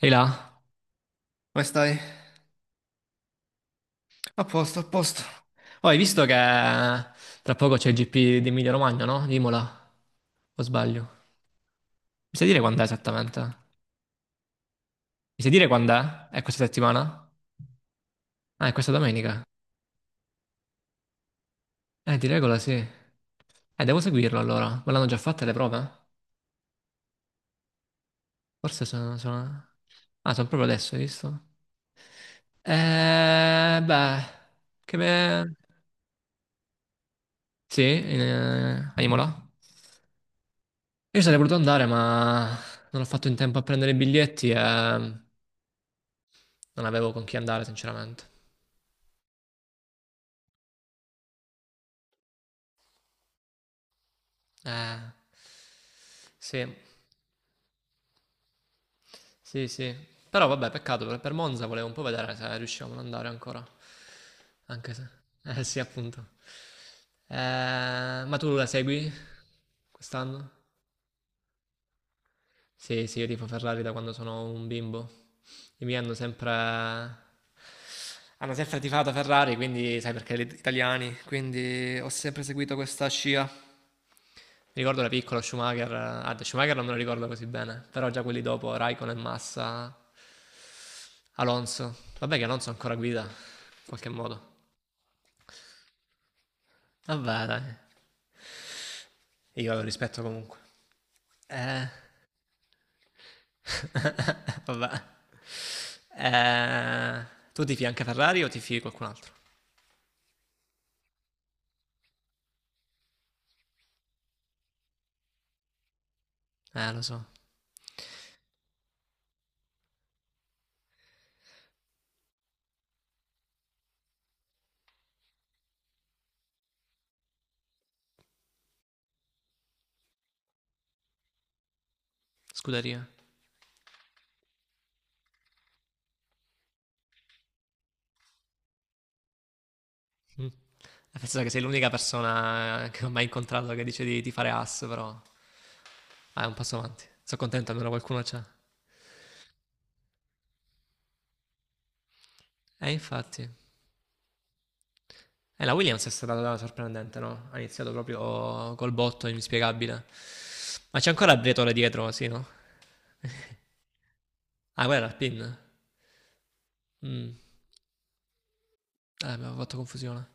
Sei là? Come stai? A posto, a posto. Oh, hai visto che tra poco c'è il GP di Emilia Romagna, no? Di Imola, o sbaglio? Mi sai dire quando è esattamente? Mi sai dire quando è? È questa settimana? Ah, è questa domenica? Di regola sì. Devo seguirlo allora. Ma l'hanno già fatte le prove? Forse sono. Ah, sono proprio adesso, hai visto? Beh, che me. Sì, a Imola? Io sarei voluto andare, ma non ho fatto in tempo a prendere i biglietti e non avevo con chi andare, sinceramente. Eh. Sì, sì, sì. Però vabbè, peccato, per Monza volevo un po' vedere se riuscivamo ad andare ancora. Anche se. Eh sì, appunto. Eh, ma tu la segui quest'anno? Sì, sì, io tifo Ferrari da quando sono un bimbo. I miei hanno sempre... Hanno sempre tifato Ferrari, quindi sai perché gli italiani, quindi ho sempre seguito questa scia. Mi ricordo la piccola Schumacher, Schumacher non me lo ricordo così bene, però già quelli dopo, Raikkonen, Massa, Alonso. Vabbè che Alonso ancora guida, in qualche modo. Vabbè dai, io lo rispetto comunque. Eh, vabbè. Eh, Tu tifi anche Ferrari o tifi qualcun altro? Lo so, scuderia. Mm. Penso che sei l'unica persona che ho mai incontrato che dice di fare ass, però vai un passo avanti. Sono contento, almeno qualcuno c'è. Infatti. E la Williams è stata sorprendente, no? Ha iniziato proprio col botto inspiegabile. Ma c'è ancora Briatore dietro, sì, no? Ah, quella era il pin. Mm. Abbiamo fatto confusione.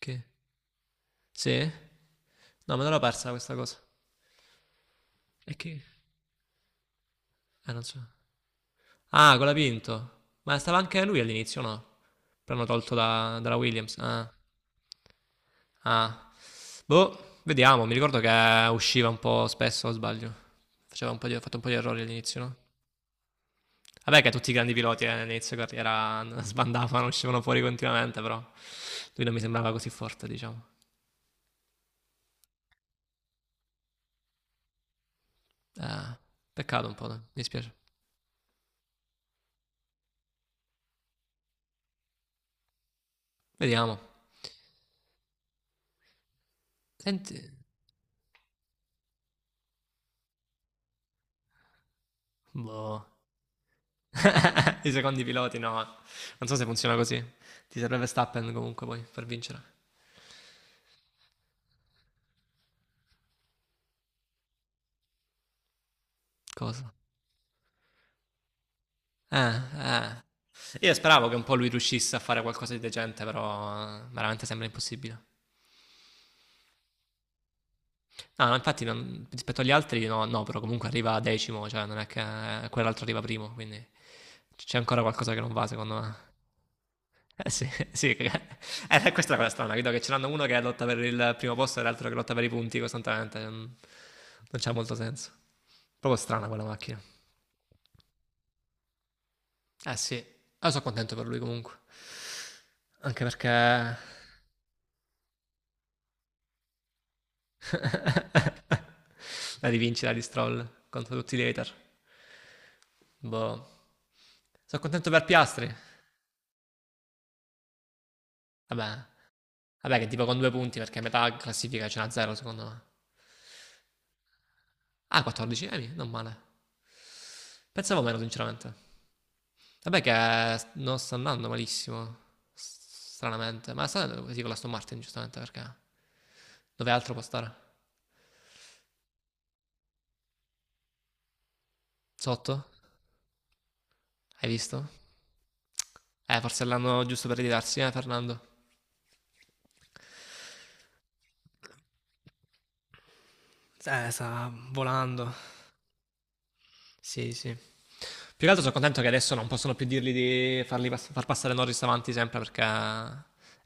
Che? Sì? No, me l'ero persa questa cosa. E che? Non so. Ah, con la Pinto. Ma stava anche lui all'inizio, no? Però hanno tolto dalla Williams. Ah. Ah. Boh, vediamo. Mi ricordo che usciva un po' spesso, o sbaglio. Faceva un po' di, Ha fatto un po' di errori all'inizio, no? Vabbè che tutti i grandi piloti all'inizio carriera sbandavano, uscivano fuori continuamente, però lui non mi sembrava così forte, diciamo. Eh, Peccato un po', dai, mi dispiace. Vediamo. Senti, boh. I secondi piloti no, non so se funziona così. Ti serve Verstappen comunque poi per vincere. Cosa? Eh. Io speravo che un po' lui riuscisse a fare qualcosa di decente, però veramente sembra impossibile. No, no, infatti rispetto agli altri no, no, però comunque arriva decimo, cioè non è che quell'altro arriva primo, quindi c'è ancora qualcosa che non va secondo me. Eh sì, sì, questa è la cosa strana, vedo che ce n'hanno uno che lotta per il primo posto e l'altro che lotta per i punti costantemente, non c'ha molto senso. Proprio strana quella macchina. Eh sì, io sono contento per lui comunque, anche perché la rivincita di Stroll contro tutti i hater. Boh, sono contento per Piastri, vabbè, vabbè che tipo con due punti perché a metà classifica ce n'ha zero secondo me. Ah, 14, non male. Pensavo meno, sinceramente. Vabbè che non sta andando malissimo, stranamente. Ma sta andando così con la Aston Martin, giustamente, perché. Dove altro può stare? Sotto? Hai visto? Forse l'hanno giusto per ritirarsi, Fernando? Sta volando. Sì, sì. Più che altro sono contento che adesso non possono più dirgli di farli far passare Norris avanti sempre perché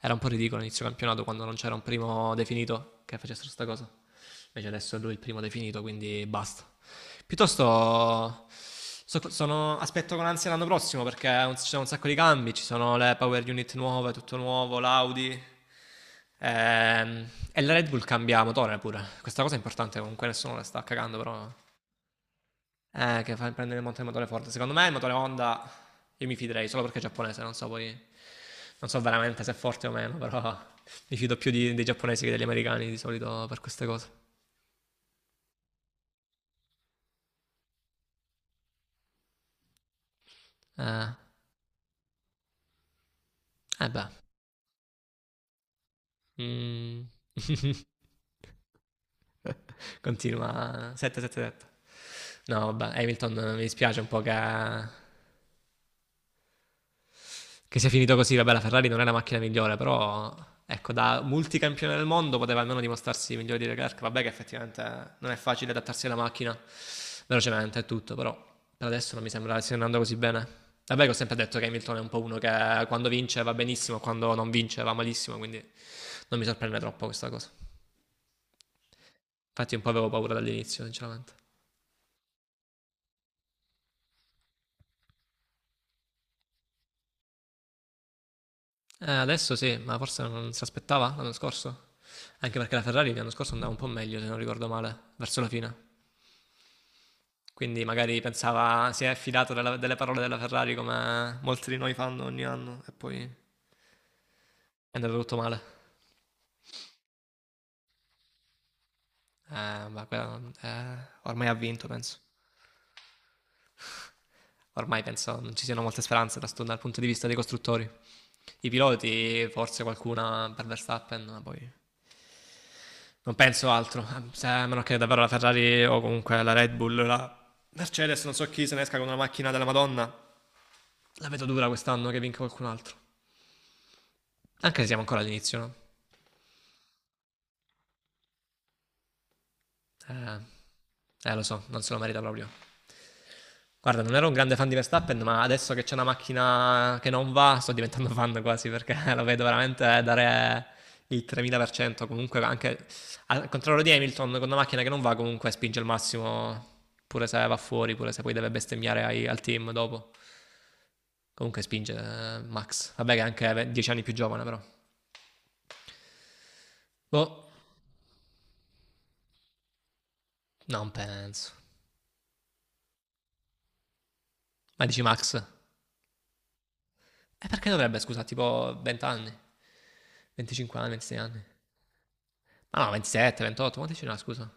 era un po' ridicolo inizio campionato quando non c'era un primo definito che facessero sta cosa. Invece adesso è lui il primo definito, quindi basta. Piuttosto aspetto con ansia l'anno prossimo perché ci sono un sacco di cambi, ci sono le power unit nuove, tutto nuovo, l'Audi. E la Red Bull cambia motore pure. Questa cosa è importante, comunque nessuno la sta cagando, però che fa prendere il motore forte. Secondo me il motore Honda io mi fiderei solo perché è giapponese, non so poi. Non so veramente se è forte o meno, però mi fido più dei giapponesi che degli americani di solito per queste cose. Eh, eh beh. Mm. Continua 777. No, vabbè, Hamilton mi dispiace un po' che sia finito così, vabbè, la Ferrari non è la macchina migliore, però ecco, da multicampione del mondo poteva almeno dimostrarsi migliore di Leclerc. Vabbè che effettivamente non è facile adattarsi alla macchina velocemente e tutto, però per adesso non mi sembra stia andando così bene. Vabbè, che ho sempre detto che Hamilton è un po' uno che quando vince va benissimo, quando non vince va malissimo, quindi non mi sorprende troppo questa cosa. Infatti un po' avevo paura dall'inizio, sinceramente. Adesso sì, ma forse non si aspettava l'anno scorso. Anche perché la Ferrari l'anno scorso andava un po' meglio, se non ricordo male, verso la fine. Quindi magari pensava si è affidato della delle parole della Ferrari come molti di noi fanno ogni anno e poi è andato tutto male. Ma quello, ormai ha vinto, penso. Ormai penso non ci siano molte speranze da dal punto di vista dei costruttori. I piloti, forse qualcuna per Verstappen, ma poi non penso altro. A meno che davvero la Ferrari o comunque la Red Bull, la Mercedes, non so chi se ne esca con una macchina della Madonna. La vedo dura quest'anno che vinca qualcun altro. Anche se siamo ancora all'inizio, no? Eh, Lo so, non se lo merita proprio. Guarda, non ero un grande fan di Verstappen, ma adesso che c'è una macchina che non va, sto diventando fan quasi perché lo vedo veramente dare il 3000%. Comunque, anche al contrario di Hamilton, con una macchina che non va, comunque spinge il massimo, pure se va fuori, pure se poi deve bestemmiare al team dopo. Comunque spinge Max. Vabbè, che è anche 10 anni più giovane, però. Boh, non penso. Ma dici Max? E perché dovrebbe, scusa, tipo 20 anni? 25 anni, 26 anni? Ah no, 27, 28, quanti ce n'ha, scusa?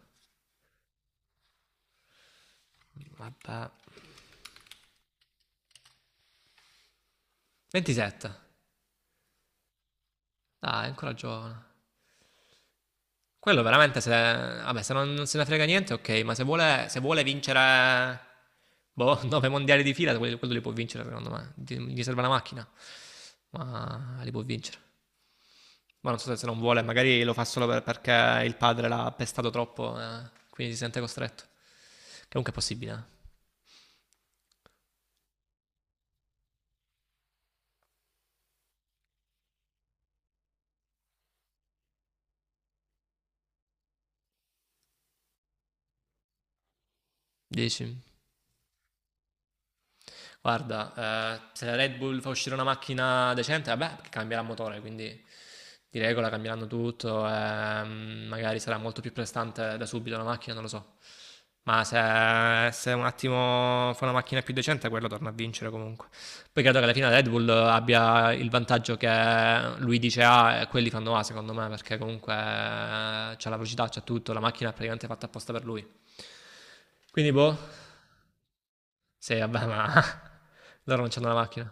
Vabbè. 27. Dai, è ancora giovane. Quello veramente se. Vabbè, se non se ne frega niente, ok, ma se vuole vincere. Boh, 9 mondiali di fila, quello li può vincere, secondo me. Gli serve la macchina, ma li può vincere. Ma non so se non vuole, magari lo fa solo perché il padre l'ha pestato troppo, quindi si sente costretto. Che comunque è possibile, eh. 10. Guarda, se la Red Bull fa uscire una macchina decente, vabbè, perché cambierà motore, quindi di regola cambieranno tutto, magari sarà molto più prestante da subito la macchina, non lo so. Ma se un attimo fa una macchina più decente, quello torna a vincere comunque. Poi credo che alla fine la Red Bull abbia il vantaggio che lui dice A e quelli fanno A, secondo me, perché comunque c'ha la velocità, c'ha tutto, la macchina è praticamente fatta apposta per lui. Quindi boh, sì, vabbè, ma loro non c'hanno la macchina.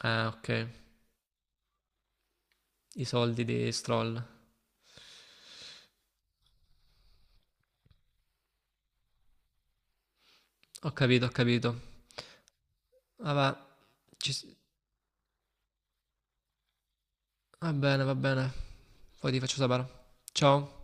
Ah, ok. I soldi di Stroll. Ho capito, ho capito. Vabbè, ci s- Va bene, va bene. Poi ti faccio sapere. Ciao.